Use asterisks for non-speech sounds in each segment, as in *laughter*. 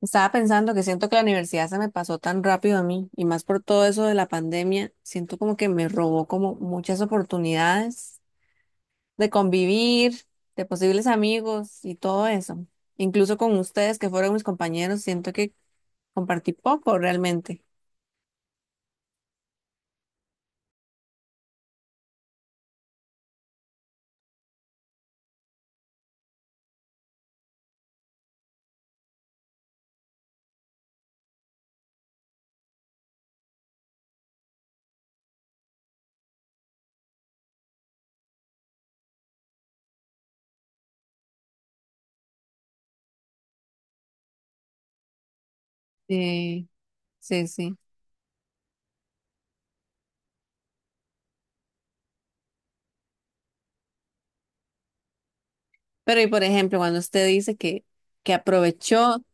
Estaba pensando que siento que la universidad se me pasó tan rápido a mí y más por todo eso de la pandemia, siento como que me robó como muchas oportunidades de convivir, de posibles amigos y todo eso. Incluso con ustedes que fueron mis compañeros, siento que compartí poco realmente. Sí, sí, sí. Pero y por ejemplo, cuando usted dice que aprovechó,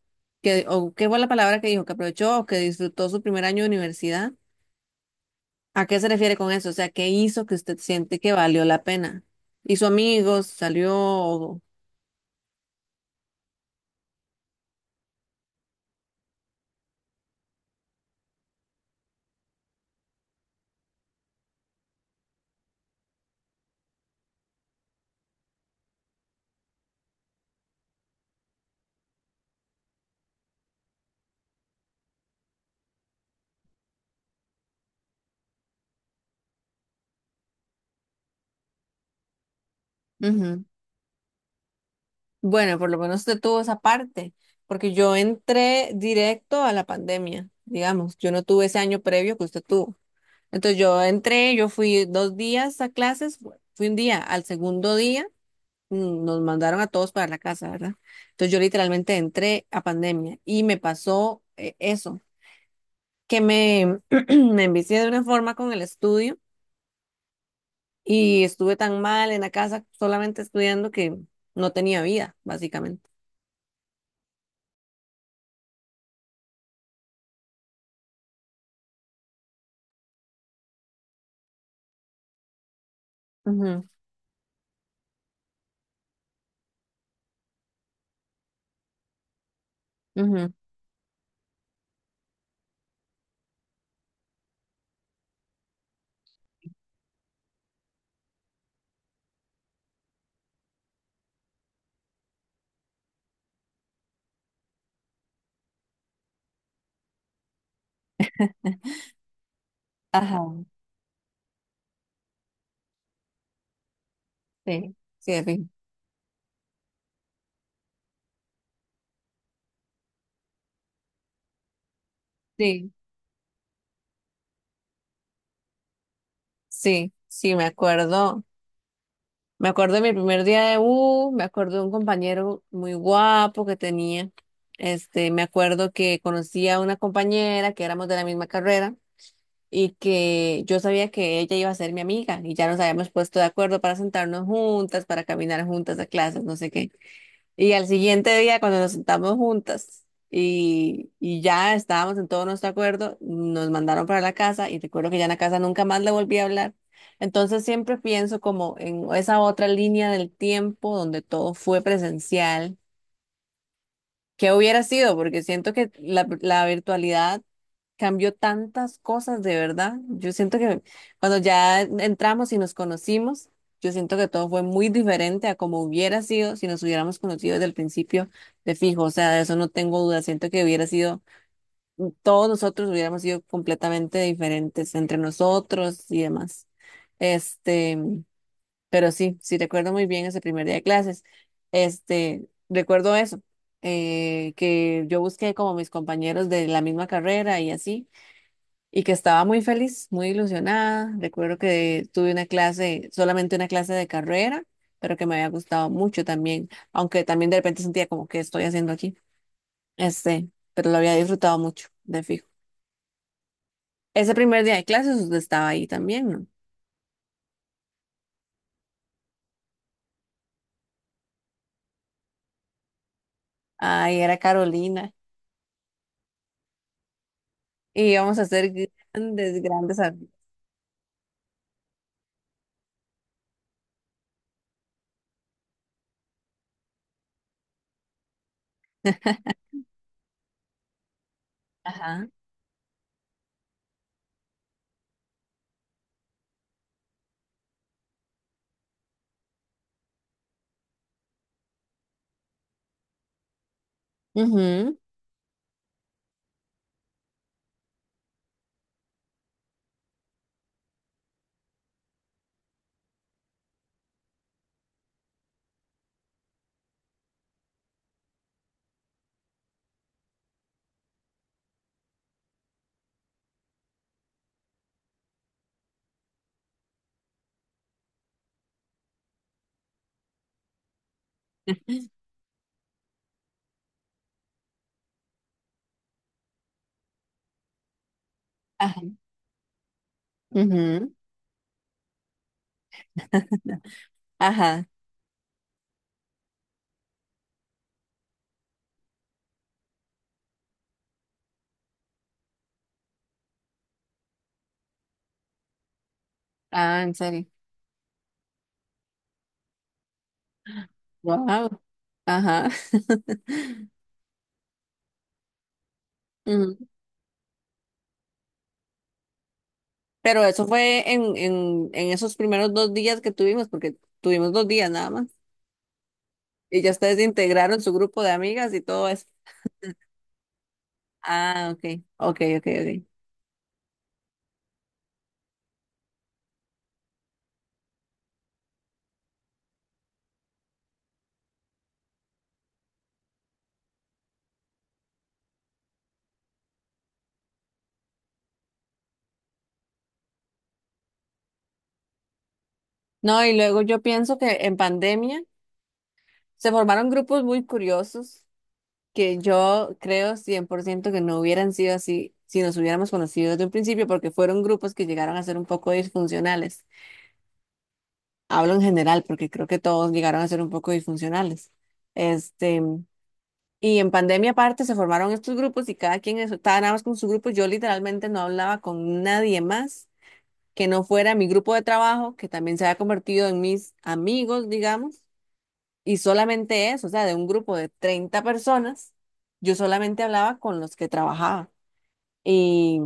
o qué fue la palabra que dijo, que aprovechó o que disfrutó su primer año de universidad. ¿A qué se refiere con eso? O sea, ¿qué hizo que usted siente que valió la pena? ¿Hizo amigos? ¿Salió? Ujú. Bueno, por lo menos usted tuvo esa parte, porque yo entré directo a la pandemia, digamos, yo no tuve ese año previo que usted tuvo. Entonces yo fui 2 días a clases, fui un día, al segundo día nos mandaron a todos para la casa, ¿verdad? Entonces yo literalmente entré a pandemia y me pasó eso, que me, *clears throat* me envicié de una forma con el estudio. Y estuve tan mal en la casa solamente estudiando que no tenía vida, básicamente. Ujú, ujú. Ajá, sí, sí, de fijo. Sí, sí, sí, me acuerdo. Me acuerdo de mi primer día de U, me acuerdo de un compañero muy guapo que tenía. Este, me acuerdo que conocí a una compañera que éramos de la misma carrera y que yo sabía que ella iba a ser mi amiga y ya nos habíamos puesto de acuerdo para sentarnos juntas, para caminar juntas a clases, no sé qué. Y al siguiente día, cuando nos sentamos juntas y ya estábamos en todo nuestro acuerdo, nos mandaron para la casa y recuerdo que ya en la casa nunca más le volví a hablar. Entonces siempre pienso como en esa otra línea del tiempo donde todo fue presencial. ¿Qué hubiera sido? Porque siento que la virtualidad cambió tantas cosas, de verdad. Yo siento que cuando ya entramos y nos conocimos, yo siento que todo fue muy diferente a como hubiera sido si nos hubiéramos conocido desde el principio de fijo. O sea, de eso no tengo duda. Siento que hubiera sido, todos nosotros hubiéramos sido completamente diferentes entre nosotros y demás. Este, pero sí, sí recuerdo muy bien ese primer día de clases. Este, recuerdo eso. Eh, que yo busqué como mis compañeros de la misma carrera y así, y que estaba muy feliz, muy ilusionada. Recuerdo que tuve una clase, solamente una clase de carrera, pero que me había gustado mucho también, aunque también de repente sentía como que estoy haciendo aquí. Este, pero lo había disfrutado mucho, de fijo. Ese primer día de clases usted estaba ahí también, ¿no? Ay, era Carolina. Y íbamos a hacer grandes, grandes. *laughs* Ajá. Ujú. Ajá. Ujú. *laughs* Ajá. Ah, en serio. Wow. Ajá. *laughs* Ujú. Pero eso fue en esos primeros 2 días que tuvimos, porque tuvimos 2 días nada más. Y ya ustedes integraron su grupo de amigas y todo eso. Ah, ok, ok, ok, ok. No, y luego yo pienso que en pandemia se formaron grupos muy curiosos que yo creo 100% que no hubieran sido así si nos hubiéramos conocido desde un principio, porque fueron grupos que llegaron a ser un poco disfuncionales. Hablo en general, porque creo que todos llegaron a ser un poco disfuncionales. Este. Y en pandemia aparte se formaron estos grupos y cada quien estaba nada más con su grupo. Yo literalmente no hablaba con nadie más que no fuera mi grupo de trabajo, que también se había convertido en mis amigos, digamos, y solamente eso, o sea, de un grupo de 30 personas, yo solamente hablaba con los que trabajaba y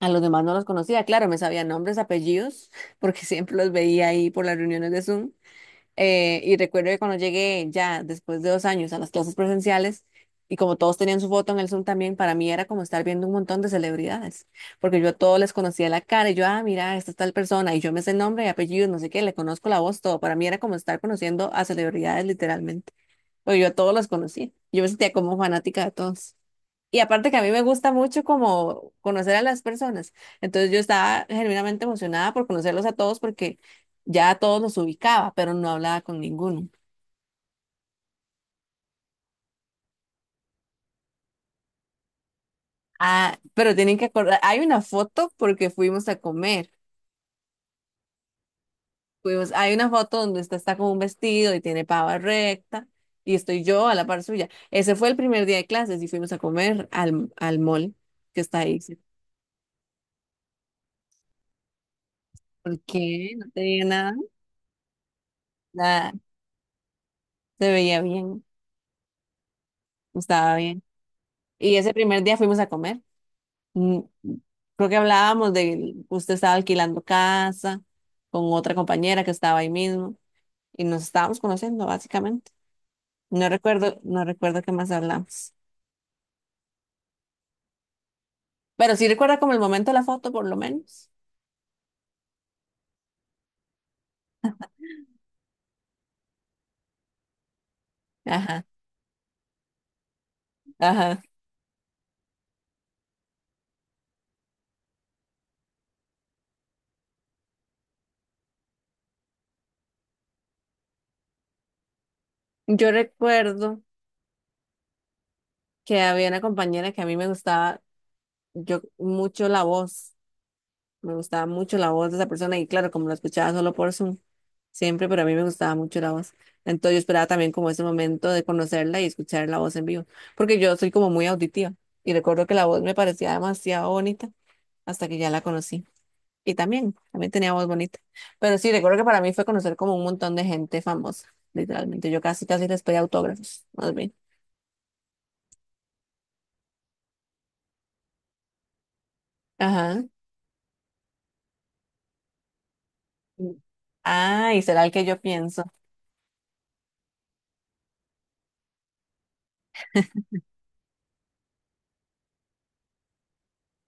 a los demás no los conocía. Claro, me sabía nombres, apellidos, *laughs* porque siempre los veía ahí por las reuniones de Zoom. Y recuerdo que cuando llegué ya después de 2 años a las clases presenciales, y como todos tenían su foto en el Zoom también, para mí era como estar viendo un montón de celebridades, porque yo a todos les conocía la cara, y yo, ah, mira, esta es tal persona, y yo me sé el nombre y apellido, no sé qué, le conozco la voz, todo. Para mí era como estar conociendo a celebridades literalmente, porque yo a todos los conocí, yo me sentía como fanática de todos. Y aparte que a mí me gusta mucho como conocer a las personas. Entonces yo estaba genuinamente emocionada por conocerlos a todos porque ya a todos los ubicaba, pero no hablaba con ninguno. Ah, pero tienen que acordar, hay una foto porque fuimos a comer. Fuimos, hay una foto donde usted está con un vestido y tiene pava recta y estoy yo a la par suya. Ese fue el primer día de clases y fuimos a comer al, al mall que está ahí. Sí. ¿Por qué? No te dije nada. Nada, se veía bien, estaba bien. Y ese primer día fuimos a comer. Mm, Creo que hablábamos de que usted estaba alquilando casa con otra compañera que estaba ahí mismo y nos estábamos conociendo básicamente. No recuerdo, no recuerdo qué más hablamos. Pero sí recuerda como el momento de la foto, por lo menos. Ajá, ajá. Yo recuerdo que había una compañera que a mí me gustaba yo mucho la voz. Me gustaba mucho la voz de esa persona y claro, como la escuchaba solo por Zoom, siempre, pero a mí me gustaba mucho la voz. Entonces yo esperaba también como ese momento de conocerla y escuchar la voz en vivo, porque yo soy como muy auditiva y recuerdo que la voz me parecía demasiado bonita hasta que ya la conocí. Y también, también tenía voz bonita. Pero sí, recuerdo que para mí fue conocer como un montón de gente famosa, literalmente. Yo casi, casi les pedí autógrafos, más bien. Ajá. Ah, y será el que yo pienso.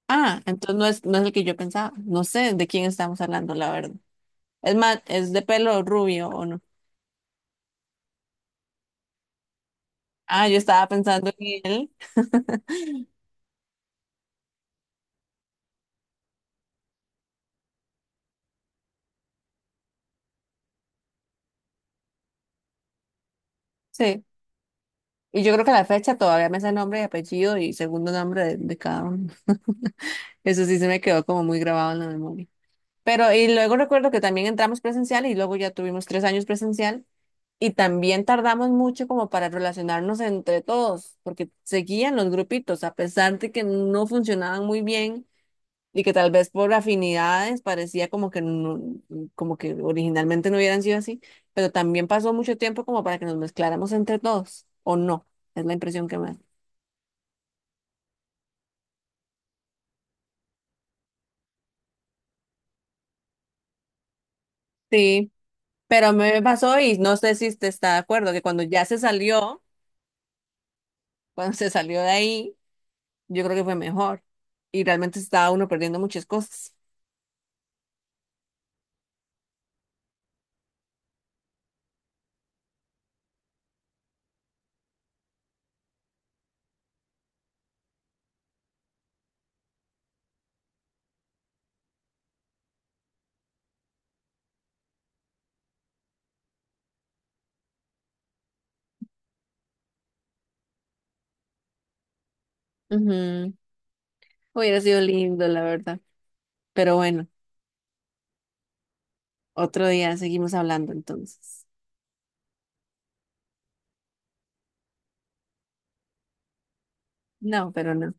Ah, entonces no es, no es el que yo pensaba. No sé de quién estamos hablando, la verdad. Es más, es de pelo rubio o no. Ah, yo estaba pensando en él. Sí. Y yo creo que a la fecha todavía me sé nombre y apellido y segundo nombre de cada uno. *laughs* Eso sí se me quedó como muy grabado en la memoria. Pero, y luego recuerdo que también entramos presencial y luego ya tuvimos 3 años presencial y también tardamos mucho como para relacionarnos entre todos, porque seguían los grupitos, a pesar de que no funcionaban muy bien y que tal vez por afinidades parecía como que como que originalmente no hubieran sido así, pero también pasó mucho tiempo como para que nos mezcláramos entre todos, o no, es la impresión que me da. Sí, pero me pasó y no sé si usted está de acuerdo, que cuando ya se salió, *laughs* cuando se salió de ahí, yo creo que fue mejor y realmente estaba uno perdiendo muchas cosas. Ujú, hubiera sido lindo, la verdad. Pero bueno, otro día seguimos hablando entonces. No, pero no.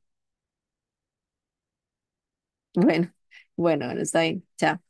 *laughs* Bueno, bueno, bueno, está bien. Chao.